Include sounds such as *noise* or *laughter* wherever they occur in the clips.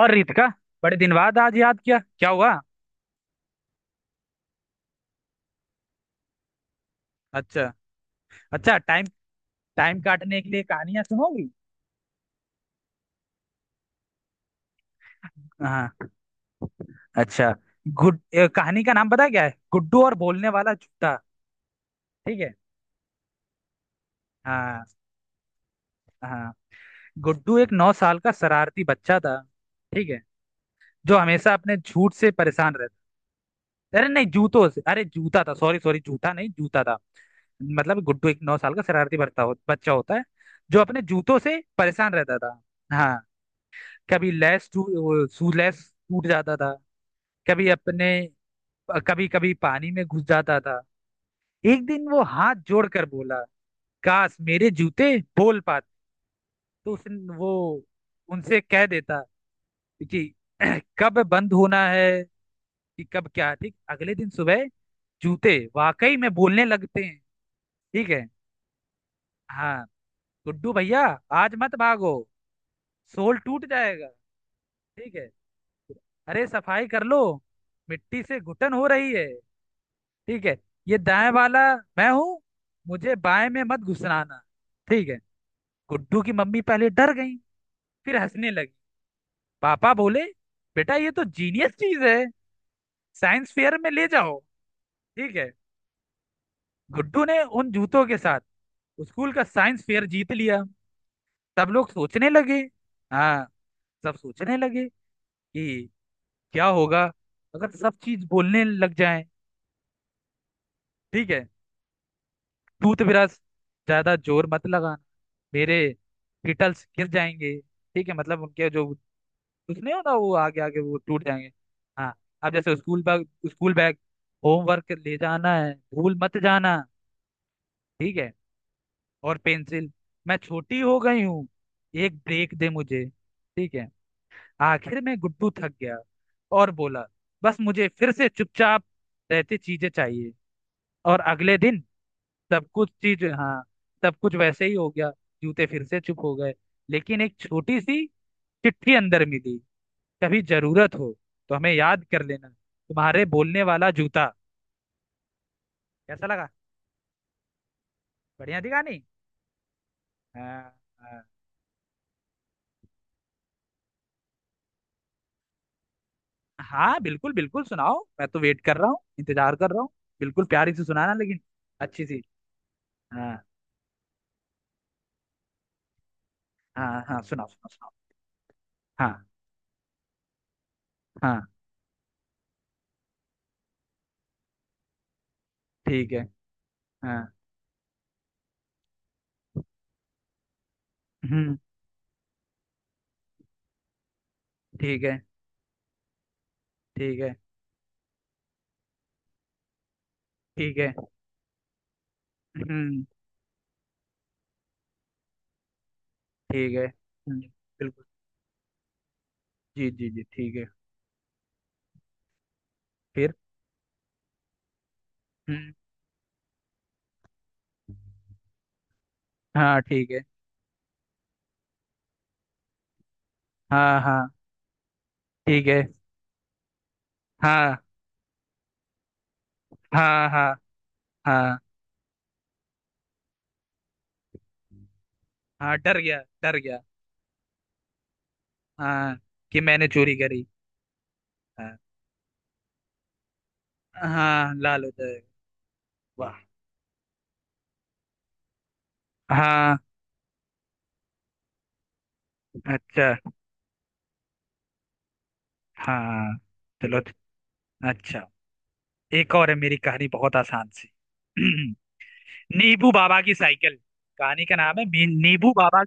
और रितिका, बड़े दिन बाद आज याद किया, क्या हुआ। अच्छा। अच्छा टाइम। टाइम काटने के लिए कहानियां सुनोगी। हाँ। अच्छा, गुड ए, कहानी का नाम पता है क्या है, गुड्डू और बोलने वाला जूता। ठीक है। हाँ। हाँ, गुड्डू एक 9 साल का शरारती बच्चा था। ठीक है। जो हमेशा अपने झूठ से परेशान रहता। अरे नहीं, जूतों से, अरे जूता था। सॉरी सॉरी, जूता नहीं, जूता था। मतलब गुड्डू एक नौ साल का शरारती बच्चा होता है, जो अपने जूतों से परेशान रहता था। हाँ। कभी लैस टू, सू लैस टूट जाता था। कभी अपने, कभी कभी पानी में घुस जाता था। एक दिन वो हाथ जोड़कर बोला, काश मेरे जूते बोल पाते, तो उस वो उनसे कह देता कि *clears throat* कब बंद होना है। कि कब क्या ठीक। अगले दिन सुबह जूते वाकई में बोलने लगते हैं। ठीक है। हाँ। गुड्डू भैया, आज मत भागो, सोल टूट जाएगा। ठीक है। अरे सफाई कर लो, मिट्टी से घुटन हो रही है। ठीक है। ये दाएं वाला मैं हूं, मुझे बाएं में मत घुसराना। ठीक है। गुड्डू की मम्मी पहले डर गई, फिर हंसने लगी। पापा बोले, बेटा ये तो जीनियस चीज है, साइंस फेयर में ले जाओ। ठीक है। गुड्डू ने उन जूतों के साथ स्कूल का साइंस फेयर जीत लिया। सब लोग सोचने लगे। हाँ। सब सोचने लगे कि क्या होगा अगर सब चीज बोलने लग जाए। ठीक है। टूथब्रश, ज्यादा जोर मत लगाना, मेरे गिटल्स गिर जाएंगे। ठीक है, मतलब उनके जो, कुछ नहीं होता, वो आगे आगे वो टूट जाएंगे। हाँ। अब जैसे school bag, school bag, homework ले जाना है, भूल मत जाना। ठीक है। और पेंसिल, मैं छोटी हो गई हूँ, एक ब्रेक दे मुझे। ठीक है। आखिर में गुड्डू थक गया और बोला, बस मुझे फिर से चुपचाप रहते चीजें चाहिए। और अगले दिन सब कुछ चीज, हाँ, सब कुछ वैसे ही हो गया। जूते फिर से चुप हो गए, लेकिन एक छोटी सी चिट्ठी अंदर मिली, कभी जरूरत हो तो हमें याद कर लेना, तुम्हारे बोलने वाला जूता। कैसा लगा। बढ़िया दिखा नहीं। हाँ हाँ। हाँ, बिल्कुल बिल्कुल, सुनाओ। मैं तो वेट कर रहा हूँ, इंतजार कर रहा हूँ। बिल्कुल प्यारी से सुनाना, लेकिन अच्छी सी। हाँ हाँ। हाँ, सुनाओ सुनाओ सुनाओ। हाँ। हाँ। ठीक है। हाँ। हम्म। ठीक है। ठीक है। ठीक है। हम्म। ठीक है। बिल्कुल। जी जी जी, ठीक है। फिर। हम्म, हाँ ठीक है। हाँ हाँ। ठीक है। हाँ हाँ। हाँ हाँ। हाँ, डर गया डर गया। हाँ, कि मैंने चोरी करी। हाँ हाँ, लाल हो जाएगा। वाह। हाँ। अच्छा। हाँ। चलो। अच्छा, एक और है, मेरी कहानी बहुत आसान सी। *clears throat* नीबू बाबा की साइकिल, कहानी का नाम है। नीबू बाबा।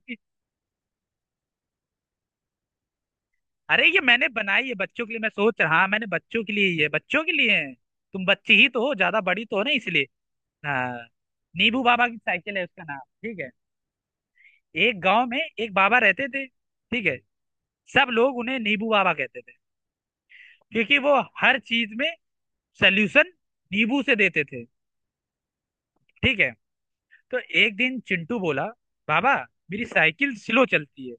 अरे ये मैंने बनाई है, बच्चों के लिए। मैं सोच रहा हाँ मैंने बच्चों के लिए ही है, बच्चों के लिए है। तुम बच्ची ही तो हो, ज्यादा बड़ी तो हो ना, इसलिए। हाँ। नीबू बाबा की साइकिल है उसका नाम। ठीक है। एक गांव में एक बाबा रहते थे। ठीक है। सब लोग उन्हें नीबू बाबा कहते थे, क्योंकि वो हर चीज में सल्यूशन नींबू से देते थे। ठीक है। तो एक दिन चिंटू बोला, बाबा मेरी साइकिल स्लो चलती है।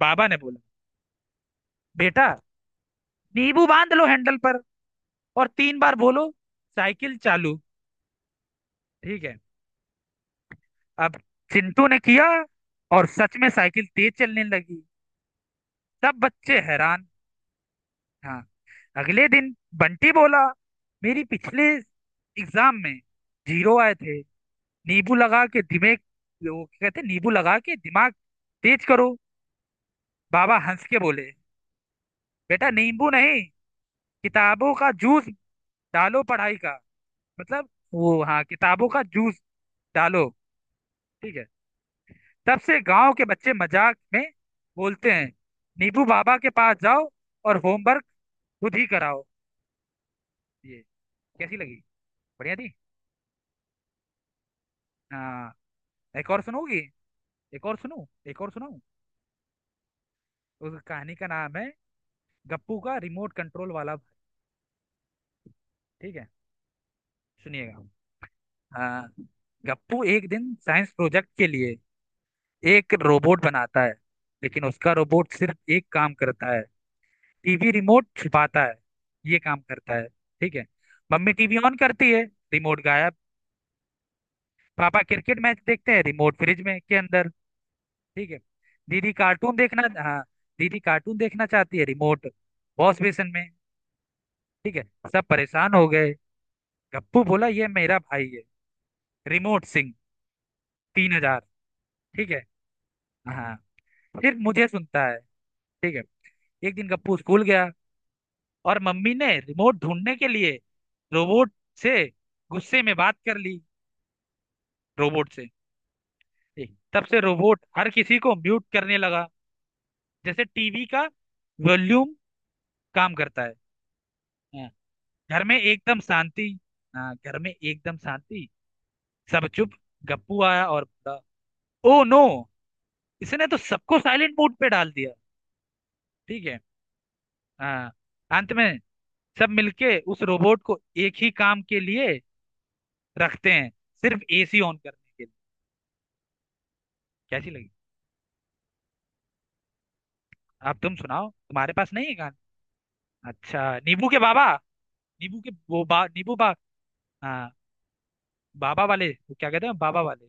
बाबा ने बोला, बेटा नींबू बांध लो हैंडल पर, और 3 बार बोलो साइकिल चालू। ठीक है। अब चिंटू ने किया, और सच में साइकिल तेज चलने लगी। सब बच्चे हैरान। हाँ। अगले दिन बंटी बोला, मेरी पिछले एग्जाम में जीरो आए थे, नींबू लगा के दिमाग, वो क्या कहते हैं, नींबू लगा के दिमाग तेज करो। बाबा हंस के बोले, बेटा नींबू नहीं, किताबों का जूस डालो, पढ़ाई का मतलब, वो हाँ, किताबों का जूस डालो। ठीक है। तब से गांव के बच्चे मजाक में बोलते हैं, नीबू बाबा के पास जाओ और होमवर्क खुद ही कराओ। ये कैसी लगी। बढ़िया थी। हाँ, एक और सुनोगी, एक और सुनो, एक और सुनाऊं। उस कहानी का नाम है, गप्पू का रिमोट कंट्रोल वाला भाई। ठीक है। सुनिएगा। हाँ। गप्पू एक दिन साइंस प्रोजेक्ट के लिए एक रोबोट बनाता है, लेकिन उसका रोबोट सिर्फ एक काम करता है, टीवी रिमोट छिपाता है, ये काम करता है। ठीक है। मम्मी टीवी ऑन करती है, रिमोट गायब। पापा क्रिकेट मैच देखते हैं, रिमोट फ्रिज में के अंदर। ठीक है। दीदी कार्टून देखना, हाँ, दीदी कार्टून देखना चाहती है, रिमोट वॉश बेसिन में। ठीक है। सब परेशान हो गए। गप्पू बोला, ये मेरा भाई है, रिमोट सिंह, 3000। ठीक है। हाँ, फिर मुझे सुनता है। ठीक है। एक दिन गप्पू स्कूल गया, और मम्मी ने रिमोट ढूंढने के लिए रोबोट से गुस्से में बात कर ली, रोबोट से। ठीक। तब से रोबोट हर किसी को म्यूट करने लगा, जैसे टीवी का वॉल्यूम काम करता है। हाँ, घर में एकदम शांति, हाँ घर में एकदम शांति। सब चुप। गप्पू आया और बोला, ओ नो, इसने तो सबको साइलेंट मोड पे डाल दिया। ठीक है। हाँ। अंत में सब मिलके उस रोबोट को एक ही काम के लिए रखते हैं, सिर्फ एसी ऑन करने के लिए। कैसी लगी। अब तुम सुनाओ, तुम्हारे पास नहीं है गान। अच्छा, नींबू के बाबा। नींबू बा। हाँ, बाबा वाले, वो क्या कहते हैं बाबा वाले।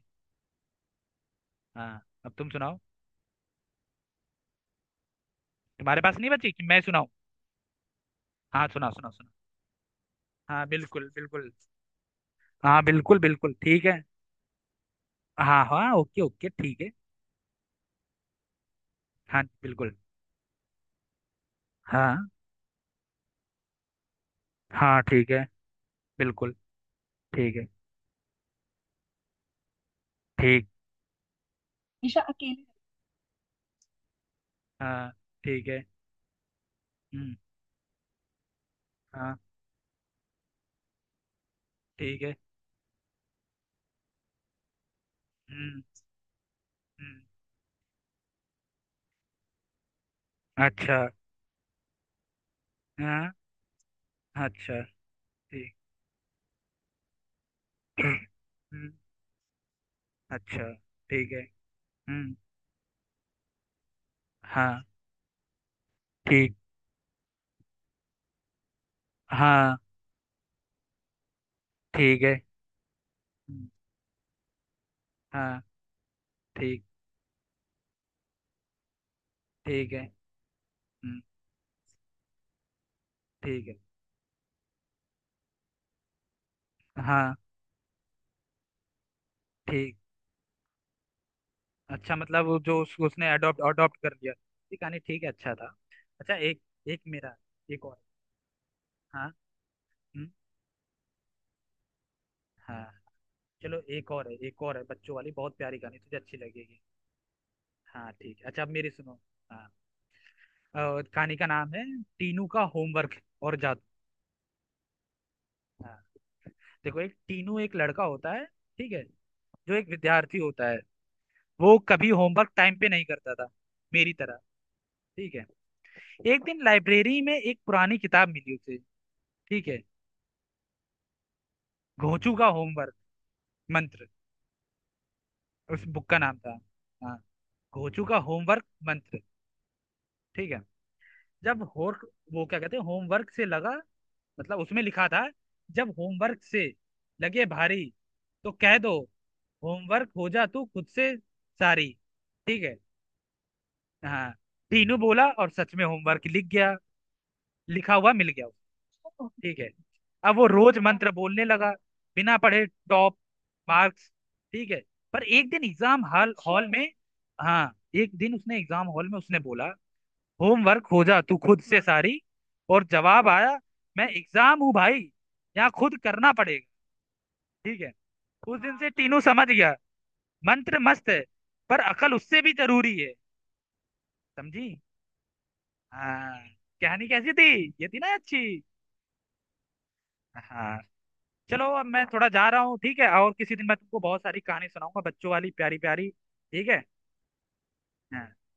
हाँ, अब तुम सुनाओ, तुम्हारे पास नहीं बची कि मैं सुनाऊं। हाँ सुना सुना। हाँ बिल्कुल बिल्कुल। हाँ बिल्कुल बिल्कुल, ठीक है। हाँ हाँ, ओके ओके, ठीक है। हाँ बिल्कुल। हाँ। हाँ ठीक है। बिल्कुल। ठीक है। ठीक। ईशा अकेले। हाँ। ठीक है। हम्म। हाँ। ठीक है। हम्म। हम्म। अच्छा। हाँ। अच्छा। ठीक। हम्म। अच्छा। ठीक है। हम्म। हाँ। ठीक। हाँ ठीक है। हम्म, हाँ। ठीक। ठीक है। हम्म। ठीक है। हाँ। ठीक। अच्छा, मतलब वो जो उसने अडॉप्ट अडॉप्ट कर लिया। ये कहानी ठीक है, अच्छा था। अच्छा एक। एक मेरा, एक और। हाँ। हम्म, हाँ। चलो, एक और है, एक और है, बच्चों वाली बहुत प्यारी कहानी, तुझे अच्छी लगेगी। हाँ ठीक है। अच्छा अब मेरी सुनो। हाँ। और कहानी का नाम है, टीनू का होमवर्क और जादू। हाँ, देखो, एक टीनू एक लड़का होता है। ठीक है। जो एक विद्यार्थी होता है। वो कभी होमवर्क टाइम पे नहीं करता था, मेरी तरह। ठीक है। एक दिन लाइब्रेरी में एक पुरानी किताब मिली उसे। ठीक है। घोंचू का होमवर्क मंत्र, उस बुक का नाम था। हाँ, घोचू का होमवर्क मंत्र। ठीक है। जब होर वो क्या कहते हैं, होमवर्क से लगा, मतलब उसमें लिखा था, जब होमवर्क से लगे भारी, तो कह दो, होमवर्क हो जा तू खुद से सारी। ठीक है। हाँ। टीनू बोला और सच में होमवर्क लिख गया, लिखा हुआ मिल गया। ठीक है। अब वो रोज मंत्र बोलने लगा, बिना पढ़े टॉप मार्क्स। ठीक है। पर एक दिन एग्जाम हॉल हॉल में, हाँ, एक दिन उसने एग्जाम हॉल में उसने बोला, होमवर्क खोजा तू खुद से सारी। और जवाब आया, मैं एग्जाम हूँ भाई, यहाँ खुद करना पड़ेगा। ठीक है। उस दिन से टीनू समझ गया, मंत्र मस्त है पर अकल उससे भी जरूरी है। समझी। हाँ। कहानी कैसी थी, ये थी ना अच्छी। हाँ। चलो अब मैं थोड़ा जा रहा हूँ, ठीक है, और किसी दिन मैं तुमको बहुत सारी कहानी सुनाऊंगा, बच्चों वाली प्यारी प्यारी। ठीक है। हाँ।